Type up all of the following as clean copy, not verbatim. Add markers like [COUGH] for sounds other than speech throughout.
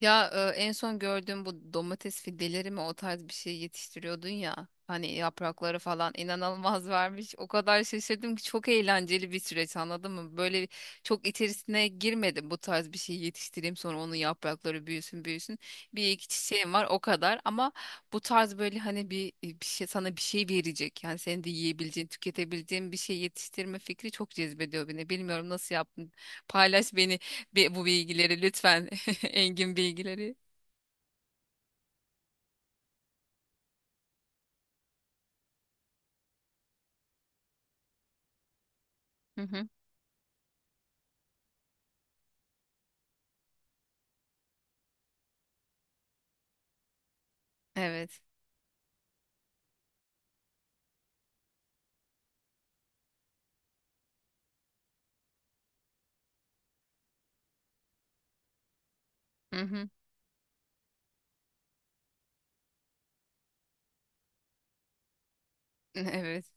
En son gördüğüm bu domates fideleri mi, o tarz bir şey yetiştiriyordun ya. Hani yaprakları falan inanılmaz [LAUGHS] vermiş. O kadar şaşırdım ki, çok eğlenceli bir süreç, anladın mı? Böyle çok içerisine girmedim, bu tarz bir şey yetiştireyim sonra onun yaprakları büyüsün büyüsün. Bir iki çiçeğim var o kadar, ama bu tarz böyle hani bir şey sana bir şey verecek. Yani senin de yiyebileceğin, tüketebileceğin bir şey yetiştirme fikri çok cezbediyor beni. Bilmiyorum nasıl yaptın. Paylaş beni bu bilgileri lütfen. [LAUGHS] Engin bilgileri. Hı hı. Evet. Hı hı. Evet.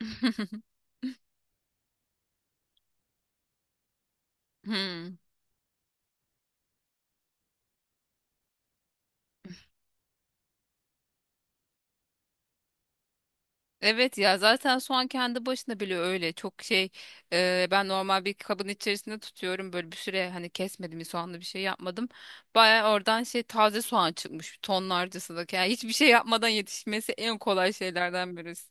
[LAUGHS] Hmm. Evet ya, zaten soğan kendi başına bile öyle çok şey, ben normal bir kabın içerisinde tutuyorum böyle bir süre, hani kesmedim, bir soğanlı bir şey yapmadım, baya oradan şey, taze soğan çıkmış tonlarcası da. Yani hiçbir şey yapmadan yetişmesi en kolay şeylerden birisi.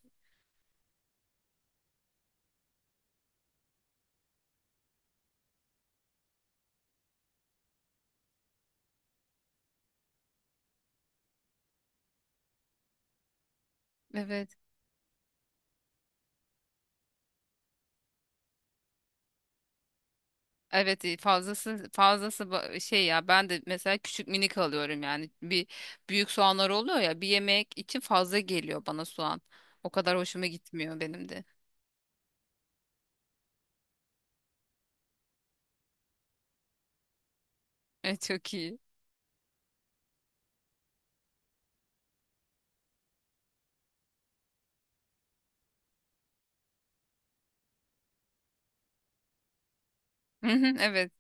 Evet. Evet, şey ya, ben de mesela küçük minik alıyorum. Yani bir, büyük soğanlar oluyor ya, bir yemek için fazla geliyor bana soğan. O kadar hoşuma gitmiyor benim de. [LAUGHS] Evet, çok iyi. Hı hı, evet.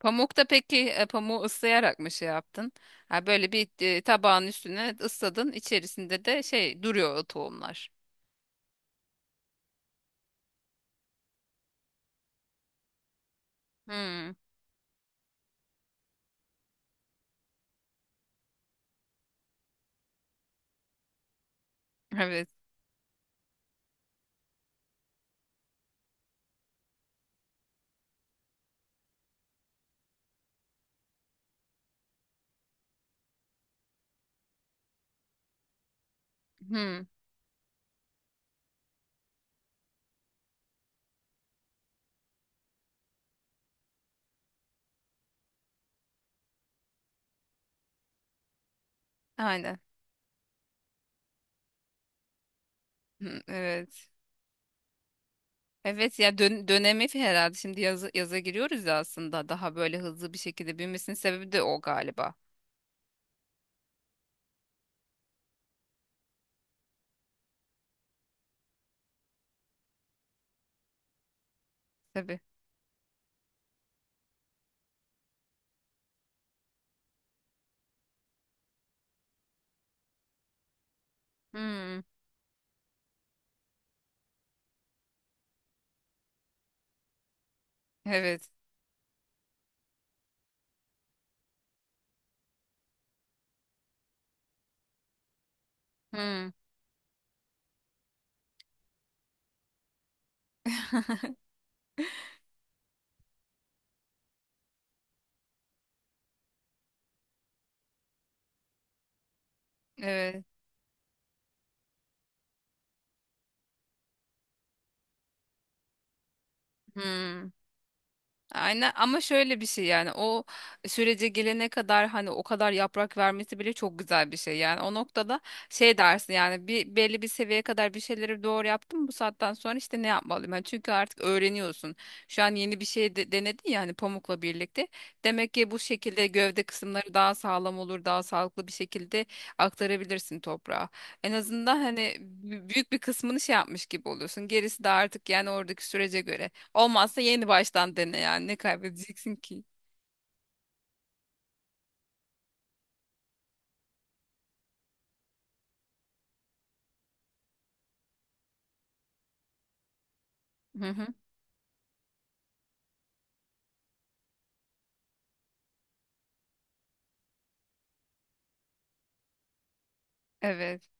Pamukta peki, pamuğu ıslayarak mı şey yaptın? Ha, böyle bir tabağın üstüne ısladın, içerisinde de şey duruyor, o tohumlar. Hmm, evet. Hmm, aynen. Hmm, evet. Evet ya, dön dönemi herhalde, şimdi yazı yaza giriyoruz ya, aslında daha böyle hızlı bir şekilde büyümesinin sebebi de o galiba. Tabii. Hmm, evet. Hmm, evet. Hmm. Aynen, ama şöyle bir şey yani, o sürece gelene kadar hani, o kadar yaprak vermesi bile çok güzel bir şey yani. O noktada şey dersin yani, bir belli bir seviyeye kadar bir şeyleri doğru yaptım, bu saatten sonra işte ne yapmalıyım yani, çünkü artık öğreniyorsun şu an yeni bir şey de, denedin ya hani pamukla birlikte. Demek ki bu şekilde gövde kısımları daha sağlam olur, daha sağlıklı bir şekilde aktarabilirsin toprağa, en azından hani büyük bir kısmını şey yapmış gibi oluyorsun, gerisi de artık yani oradaki sürece göre. Olmazsa yeni baştan dene yani. Ne kaybedeceksin ki? Hı hı. Evet.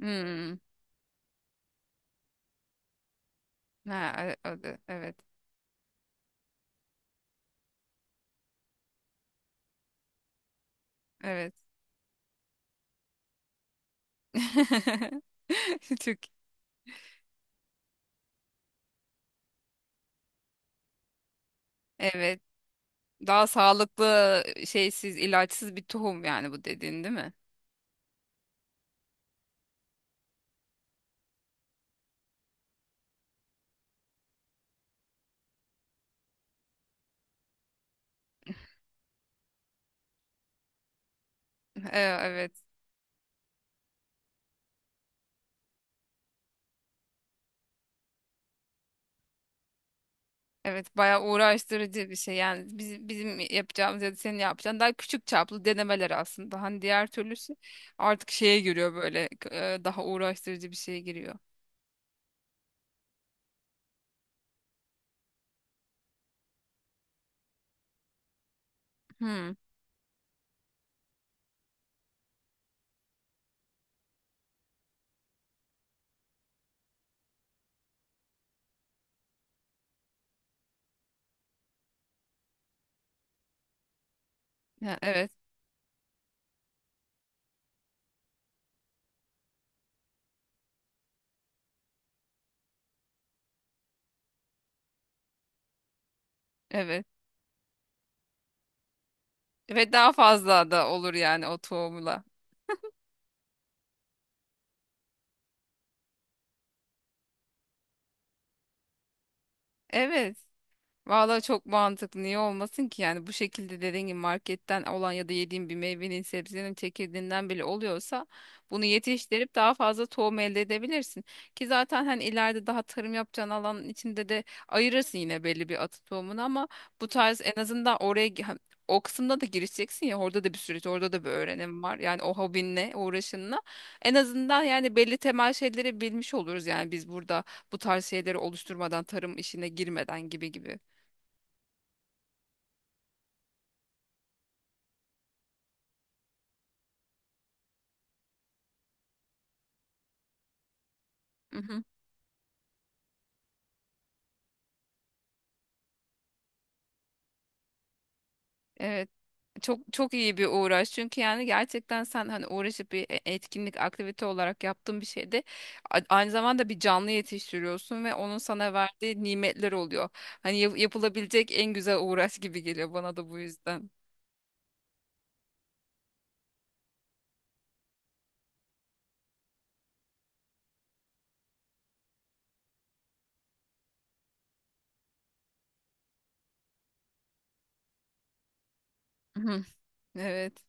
Hmm. Ha, o evet. Evet. [LAUGHS] Çok. Evet. Daha sağlıklı şeysiz, ilaçsız bir tohum yani, bu dediğin değil mi? E, evet. Evet, bayağı uğraştırıcı bir şey. Yani biz, bizim yapacağımız ya da senin yapacağın daha küçük çaplı denemeler aslında. Hani diğer türlüsü artık şeye giriyor, böyle daha uğraştırıcı bir şeye giriyor. Hmm. Ha, evet. Evet. Ve daha fazla da olur yani o tohumla. Evet. Valla çok mantıklı. Niye olmasın ki? Yani bu şekilde dediğin gibi marketten olan ya da yediğin bir meyvenin, sebzenin çekirdeğinden bile oluyorsa, bunu yetiştirip daha fazla tohum elde edebilirsin. Ki zaten hani ileride daha tarım yapacağın alanın içinde de ayırırsın yine belli bir atı tohumunu, ama bu tarz en azından oraya ha, o kısımda da girişeceksin ya, orada da bir süreç, orada da bir öğrenim var. Yani o hobinle, uğraşınla en azından yani belli temel şeyleri bilmiş oluruz yani, biz burada bu tarz şeyleri oluşturmadan, tarım işine girmeden, gibi gibi. Hı hı. Evet. Çok çok iyi bir uğraş. Çünkü yani gerçekten sen hani uğraşıp bir etkinlik, aktivite olarak yaptığın bir şeyde aynı zamanda bir canlı yetiştiriyorsun ve onun sana verdiği nimetler oluyor. Hani yapılabilecek en güzel uğraş gibi geliyor bana da bu yüzden. Hı hı. Evet.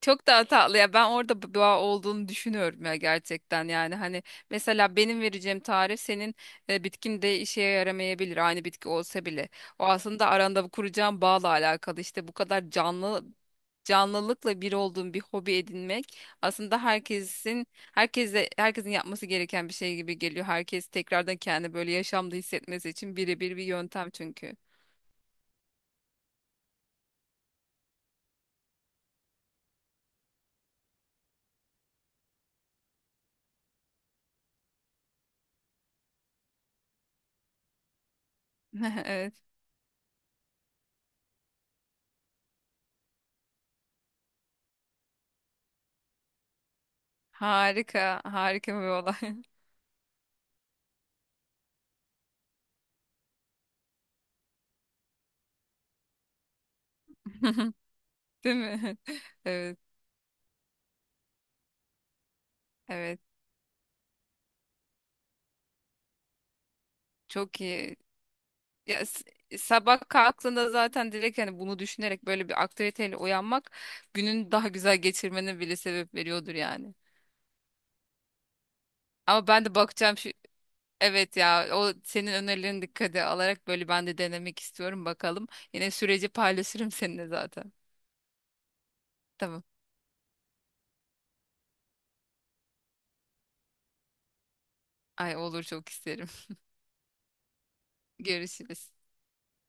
Çok daha tatlı ya, ben orada bir bağ olduğunu düşünüyorum ya gerçekten yani, hani mesela benim vereceğim tarif senin bitkin de işe yaramayabilir, aynı bitki olsa bile. O aslında aranda bu kuracağım bağla alakalı, işte bu kadar canlı canlılıkla bir olduğun bir hobi edinmek aslında herkesin yapması gereken bir şey gibi geliyor, herkes tekrardan kendi böyle yaşamda hissetmesi için birebir bir yöntem çünkü. [LAUGHS] Evet, harika harika bir olay. [LAUGHS] Değil mi? [LAUGHS] Evet, evet. Çok iyi. Ya, sabah kalktığında zaten direkt hani bunu düşünerek böyle bir aktiviteyle uyanmak günün daha güzel geçirmene bile sebep veriyordur yani. Ama ben de bakacağım şu, evet ya, o senin önerilerini dikkate alarak böyle ben de denemek istiyorum, bakalım. Yine süreci paylaşırım seninle zaten. Tamam. Ay, olur, çok isterim. [LAUGHS] Görüşürüz.